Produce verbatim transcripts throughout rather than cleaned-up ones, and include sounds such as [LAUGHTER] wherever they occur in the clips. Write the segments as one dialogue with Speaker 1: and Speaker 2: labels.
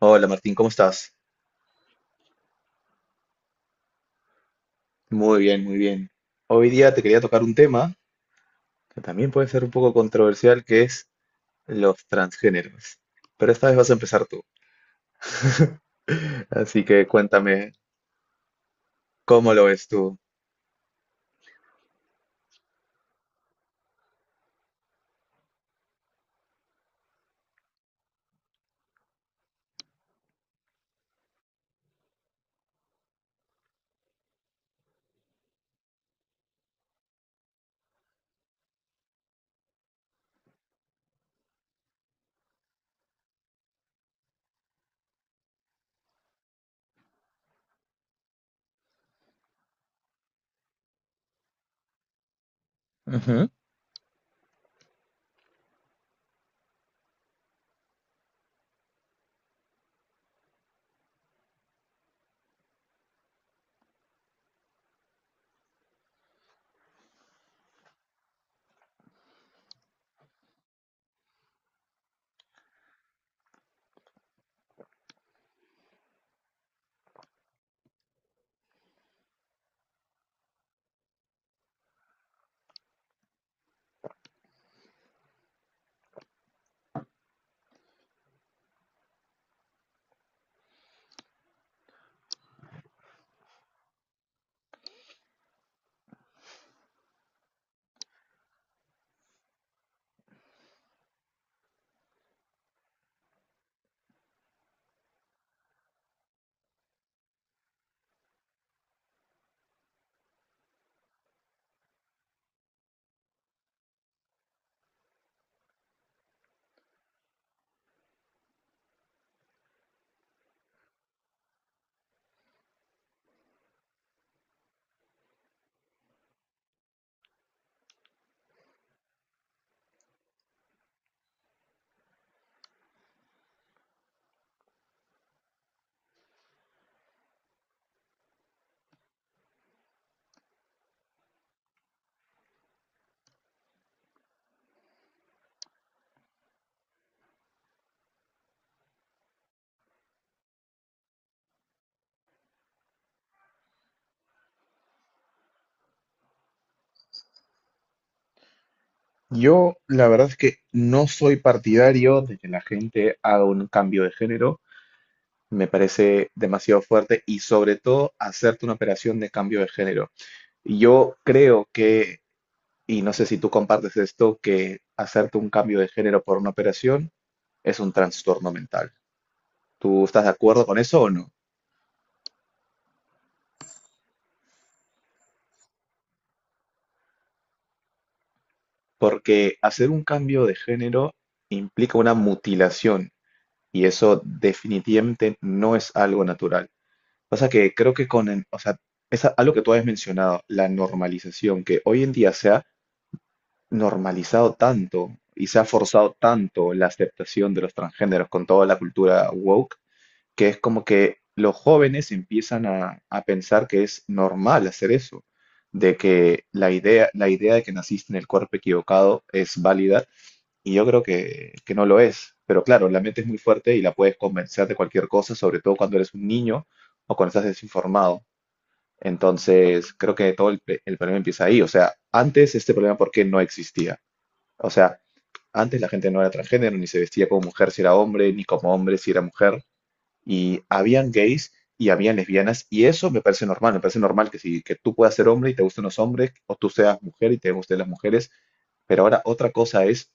Speaker 1: Hola Martín, ¿cómo estás? Muy bien, muy bien. Hoy día te quería tocar un tema que también puede ser un poco controversial, que es los transgéneros. Pero esta vez vas a empezar tú. [LAUGHS] Así que cuéntame, ¿cómo lo ves tú? Ujú. Yo la verdad es que no soy partidario de que la gente haga un cambio de género. Me parece demasiado fuerte y sobre todo hacerte una operación de cambio de género. Yo creo que Y no sé si tú compartes esto, que hacerte un cambio de género por una operación es un trastorno mental. ¿Tú estás de acuerdo con eso o no? Porque hacer un cambio de género implica una mutilación y eso definitivamente no es algo natural. Pasa que creo que con, el- o sea, es a- algo que tú habías mencionado, la normalización, que hoy en día se ha normalizado tanto y se ha forzado tanto la aceptación de los transgéneros con toda la cultura woke que es como que los jóvenes empiezan a, a pensar que es normal hacer eso, de que la idea, la idea de que naciste en el cuerpo equivocado es válida, y yo creo que, que no lo es. Pero claro, la mente es muy fuerte y la puedes convencer de cualquier cosa, sobre todo cuando eres un niño o cuando estás desinformado. Entonces, creo que todo el, pe- el problema empieza ahí. O sea, antes este problema, ¿por qué no existía? O sea, antes la gente no era transgénero, ni se vestía como mujer si era hombre, ni como hombre si era mujer y habían gays y habían lesbianas y eso me parece normal, me parece normal que si que tú puedas ser hombre y te gusten los hombres o tú seas mujer y te gusten las mujeres, pero ahora otra cosa es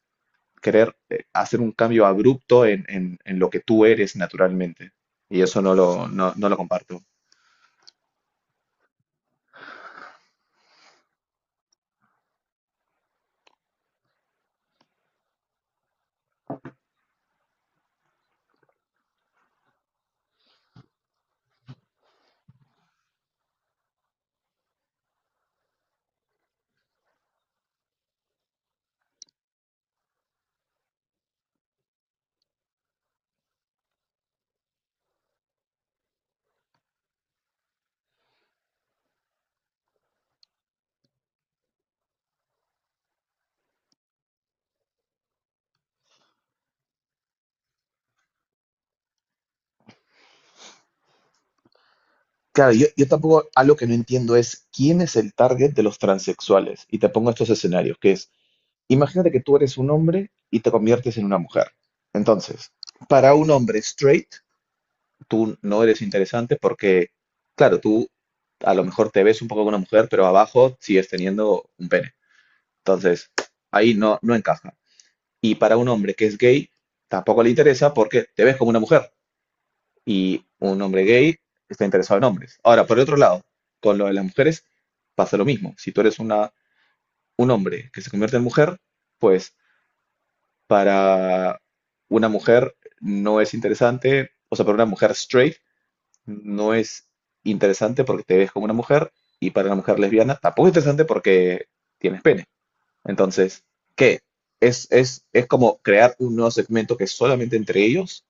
Speaker 1: querer eh, hacer un cambio abrupto en, en- en lo que tú eres naturalmente y eso no lo, no, no lo comparto. Claro, yo, yo tampoco, algo que no entiendo es quién es el target de los transexuales. Y te pongo estos escenarios, que es, imagínate que tú eres un hombre y te conviertes en una mujer. Entonces, para un hombre straight, tú no eres interesante porque, claro, tú a lo mejor te ves un poco como una mujer, pero abajo sigues teniendo un pene. Entonces, ahí no, no encaja. Y para un hombre que es gay, tampoco le interesa porque te ves como una mujer. Y un hombre gay está interesado en hombres. Ahora, por el otro lado, con lo de las mujeres pasa lo mismo. Si tú eres una, un hombre que se convierte en mujer, pues para una mujer no es interesante, o sea, para una mujer straight no es interesante porque te ves como una mujer y para una mujer lesbiana tampoco es interesante porque tienes pene. Entonces, ¿qué? Es, es, es como crear un nuevo segmento que es solamente entre ellos.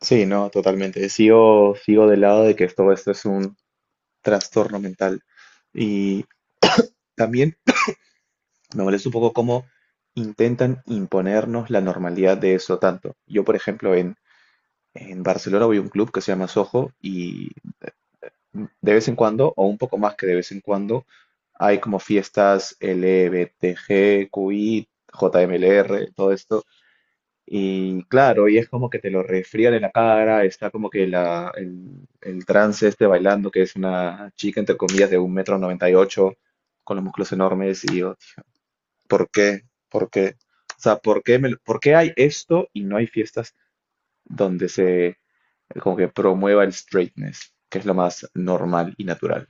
Speaker 1: Sí, no, totalmente. Sigo, sigo del lado de que todo esto es un trastorno mental. Y también me molesta un poco cómo intentan imponernos la normalidad de eso tanto. Yo, por ejemplo, en, en Barcelona voy a un club que se llama Soho y de vez en cuando, o un poco más que de vez en cuando, hay como fiestas L B T G, Q I, J M L R, todo esto. Y claro, y es como que te lo resfrían en la cara, está como que la, el, el trance este bailando, que es una chica, entre comillas, de un metro noventa y ocho, con los músculos enormes, y yo, tío, ¿por qué? ¿Por qué? O sea, ¿por qué, me lo- por qué hay esto y no hay fiestas donde se como que promueva el straightness, que es lo más normal y natural?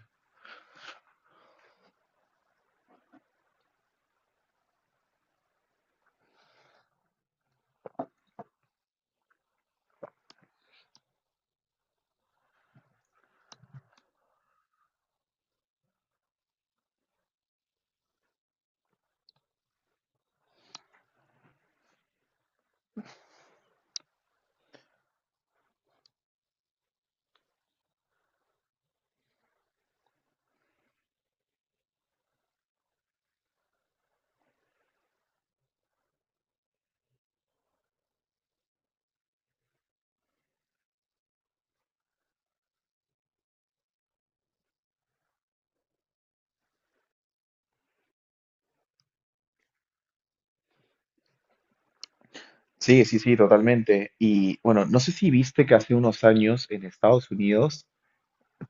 Speaker 1: Sí, sí, sí, totalmente. Y bueno, no sé si viste que hace unos años en Estados Unidos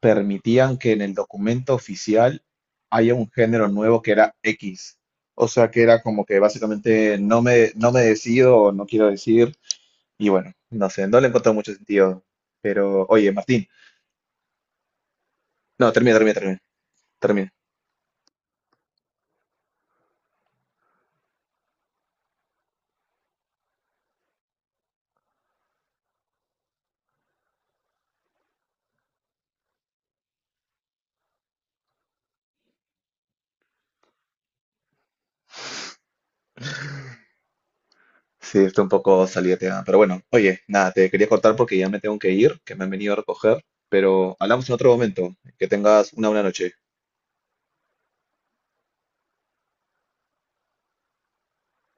Speaker 1: permitían que en el documento oficial haya un género nuevo que era X. O sea, que era como que básicamente no me, no me decido o no quiero decir. Y bueno, no sé, no le encuentro mucho sentido. Pero, oye, Martín, no, termina, termina, termina, termina. Sí, estoy un poco salida de tema. Pero bueno, oye, nada, te quería cortar porque ya me tengo que ir, que me han venido a recoger. Pero hablamos en otro momento. Que tengas una buena noche.